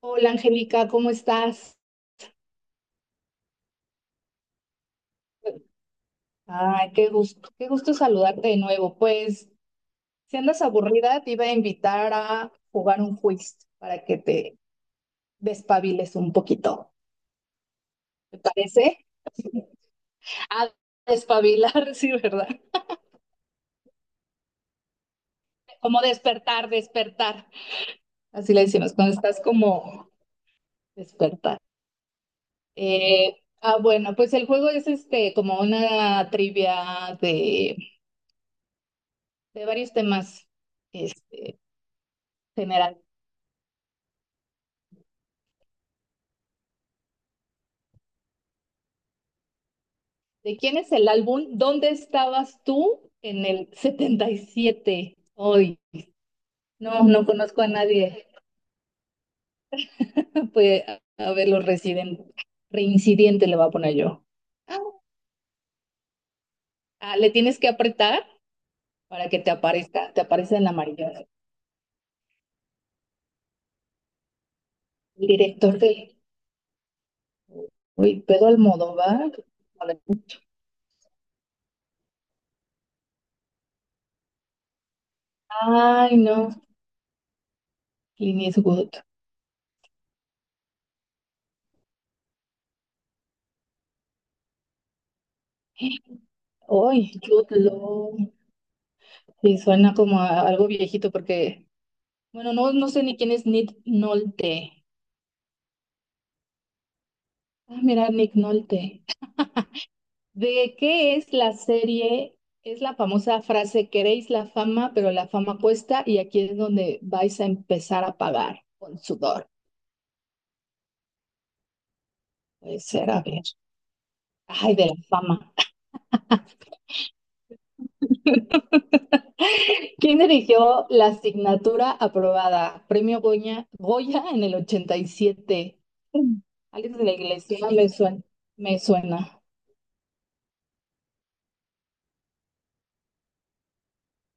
Hola Angélica, ¿cómo estás? Ay, qué gusto saludarte de nuevo. Pues, si andas aburrida, te iba a invitar a jugar un quiz para que te despabiles un poquito. ¿Te parece? A despabilar, sí, ¿verdad? Como despertar, despertar. Así le decimos, cuando estás como despertar. Ah, bueno, pues el juego es este como una trivia de varios temas este, generales. ¿De quién es el álbum? ¿Dónde estabas tú en el 77? Hoy. No, no conozco a nadie. Pues, a ver, los residentes. Reincidente le voy a poner yo. Ah, le tienes que apretar para que te aparezca. Te aparece en la amarilla. El director de. Uy, Pedro Almodóvar. Ay, no. Clint Eastwood. Uy, Jude Law. Sí, suena como a algo viejito porque. Bueno, no, no sé ni quién es Nick Nolte. Ah, mira, Nick Nolte. ¿De qué es la serie? Es la famosa frase, queréis la fama, pero la fama cuesta y aquí es donde vais a empezar a pagar con sudor. Puede ser, a ver. Ay, de la fama. ¿Quién dirigió la asignatura aprobada? Premio Goya, Goya en el 87? Alex de la Iglesia, me suena. Me suena.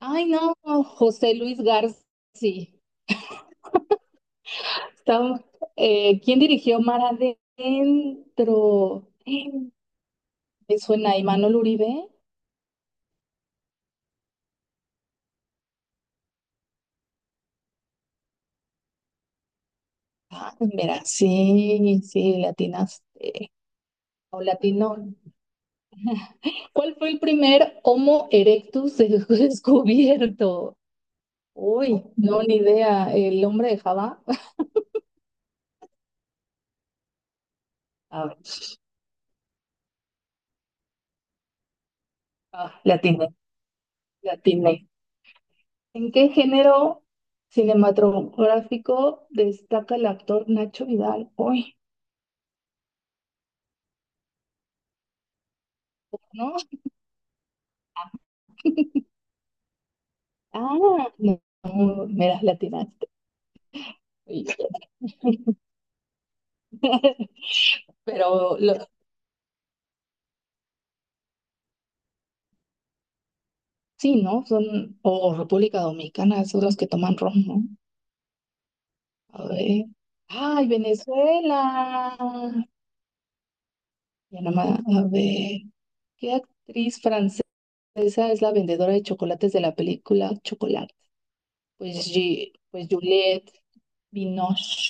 Ay, no, José Luis García. Estaba- ¿Quién dirigió Mar Adentro? Me suena, ¿y Manuel Uribe? Ah, mira, sí, sí, latinas o latino. ¿Cuál fue el primer Homo erectus descubierto? Uy, no, ni idea. ¿El hombre de Java? A ver, ah, le atiné, le atiné. ¿En qué género cinematográfico destaca el actor Nacho Vidal? Uy, ¿no? Ah, no, no, mira, latinas. Y- Pero lo- sí, ¿no? Son, o República Dominicana, son los que toman ron, ¿no? A ver. ¡Ay, Venezuela! Ya nomás, a ver. ¿Qué actriz francesa es la vendedora de chocolates de la película Chocolate? Pues, Juliette Binoche.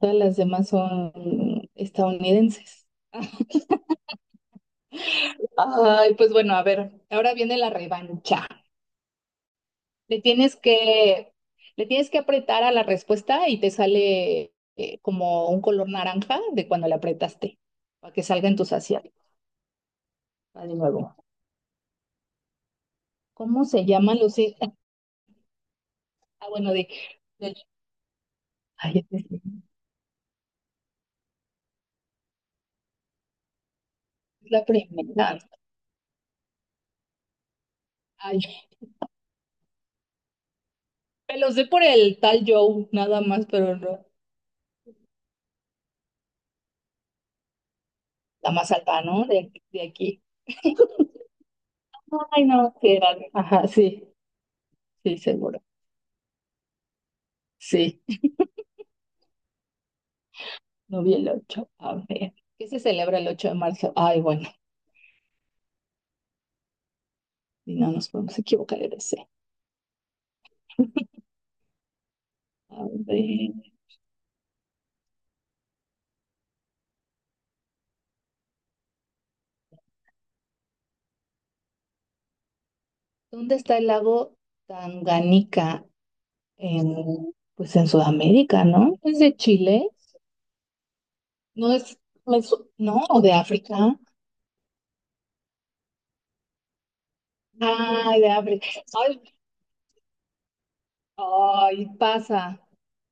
Todas las demás son estadounidenses. Ay, pues bueno, a ver, ahora viene la revancha. Le tienes que, le tienes que apretar a la respuesta y te sale como un color naranja de cuando le apretaste, para que salga en tus asiáticos. Va de nuevo. ¿Cómo se llaman los hijos? Ah, bueno, del- ay, es la primera. Ay, me lo sé por el tal Joe, nada más, pero no. La más alta, ¿no? De aquí. Ay, no, sí, ajá, sí, sí, seguro. Sí, no vi el 8. A ver. ¿Qué se celebra el 8 de marzo? Ay, bueno, y no nos podemos equivocar en ese. A ver, ¿dónde está el lago Tanganica? Pues en Sudamérica, ¿no? ¿Es de Chile? No es, no, ¿o de África? Ay, de África. Ay, ay, pasa.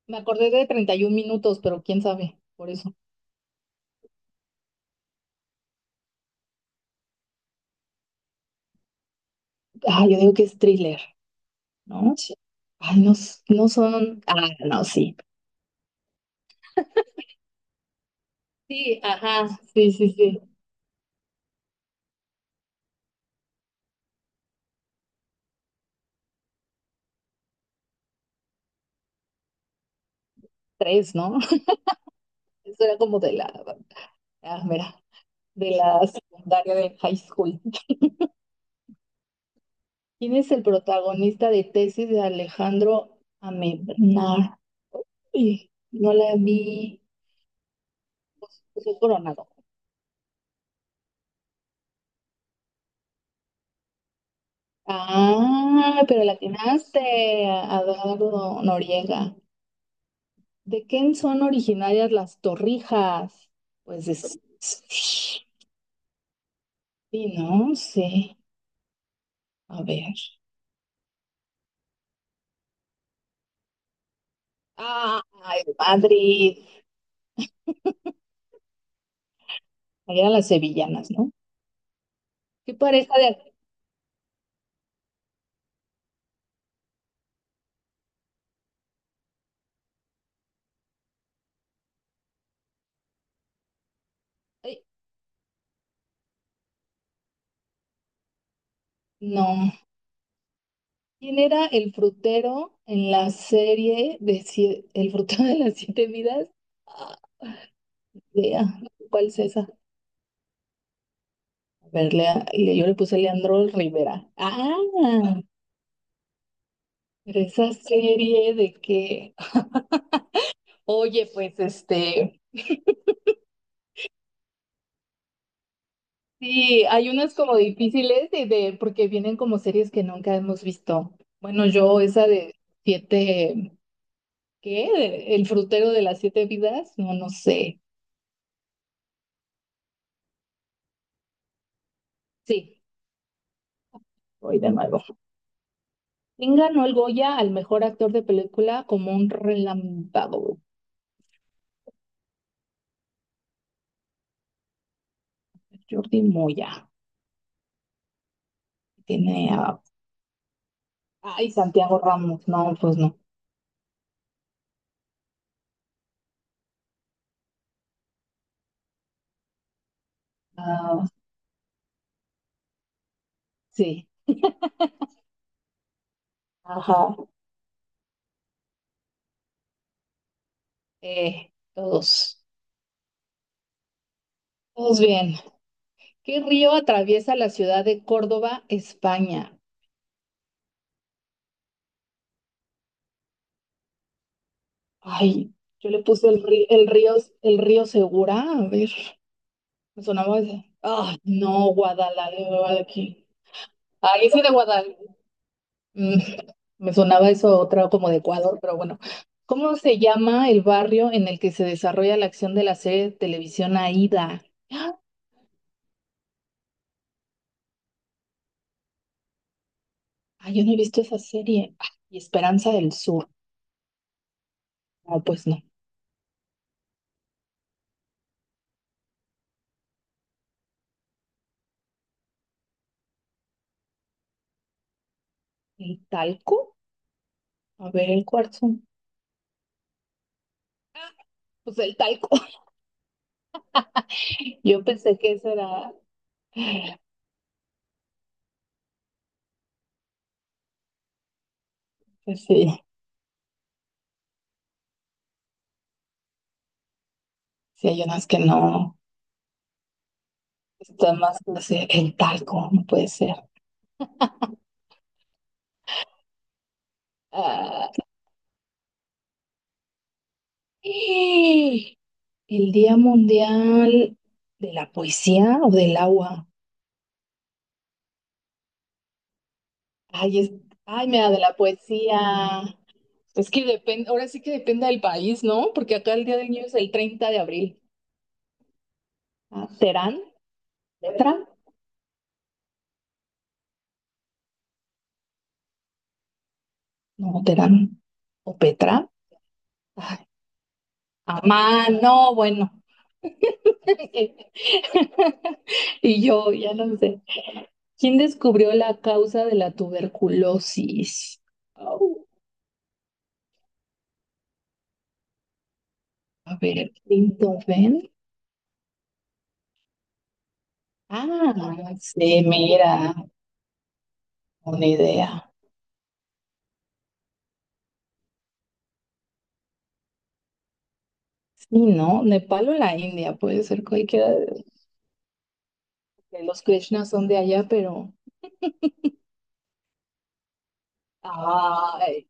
Me acordé de 31 minutos, pero quién sabe, por eso. Ah, yo digo que es thriller, ¿no? Sí. Ay, no, no son. Ah, no, sí. Sí, ajá, sí, sí, sí. Tres, ¿no? Eso era como de la. Ah, mira, de la secundaria de high school. ¿Quién es el protagonista de Tesis de Alejandro Amenábar? Uy, no la vi. Jesús Coronado. Ah, pero la atinaste, Adardo Noriega. ¿De quién son originarias las torrijas? Pues de. Sí, no sé. A ver. Ah, ay, Madrid. Ahí eran las sevillanas, ¿no? ¿Qué pareja de? Ay, no. ¿Quién era el frutero en la serie de El frutero de las siete vidas? Lea, ¿cuál es esa? A ver, Lea, yo le puse Leandro Rivera. Ah, pero esa serie de que, oye, pues este, sí, hay unas como difíciles porque vienen como series que nunca hemos visto. Bueno, yo esa de siete, ¿qué? El frutero de las siete vidas, no, no sé. Sí, voy de nuevo. ¿Quién ganó el Goya al mejor actor de película como un relámpago? Jordi Moya. Tiene a. Ay, Santiago Ramos. No, pues no. Ah, sí. Ajá. Todos. Todos bien. ¿Qué río atraviesa la ciudad de Córdoba, España? Ay, yo le puse el río Segura. A ver, me sonaba ese. Ay, no, Guadalajara. Ay, ese de Guadalajara. Mm, Me sonaba eso a otra como de Ecuador, pero bueno. ¿Cómo se llama el barrio en el que se desarrolla la acción de la serie de televisión Aída? ¡Ah! Ay, yo no he visto esa serie. Ah, y Esperanza del Sur. No, pues no. ¿El talco? A ver, el cuarzo. Ah, pues el talco. Yo pensé que eso era. Pues sí, sí hay unas que no. Están más así. El talco, no puede ser. Ah. ¡Ah! El Día Mundial de la Poesía o del Agua. Ay, es, ay, mira, de la poesía. Es que depende, ahora sí que depende del país, ¿no? Porque acá el Día del Niño es el 30 de abril. Ah, ¿Terán? ¿Petra? No, Terán. ¿O Petra? Ay, Amán, no, bueno. Y yo, ya no sé. ¿Quién descubrió la causa de la tuberculosis? Au. A ver, Clinton. Ah, sí, mira, una idea. Sí, ¿no? Nepal o la India, puede ser cualquiera de los Krishnas son de allá, pero. Ay,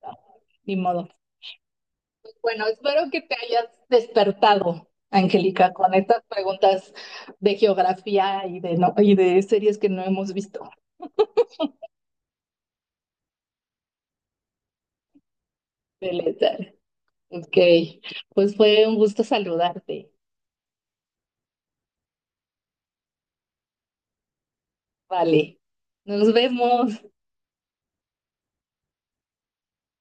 ay, ni modo. Bueno, espero que te hayas despertado, Angélica, con estas preguntas de geografía y de, no, y de series que no hemos visto. De Lethal. Ok, pues fue un gusto saludarte. Vale, nos vemos.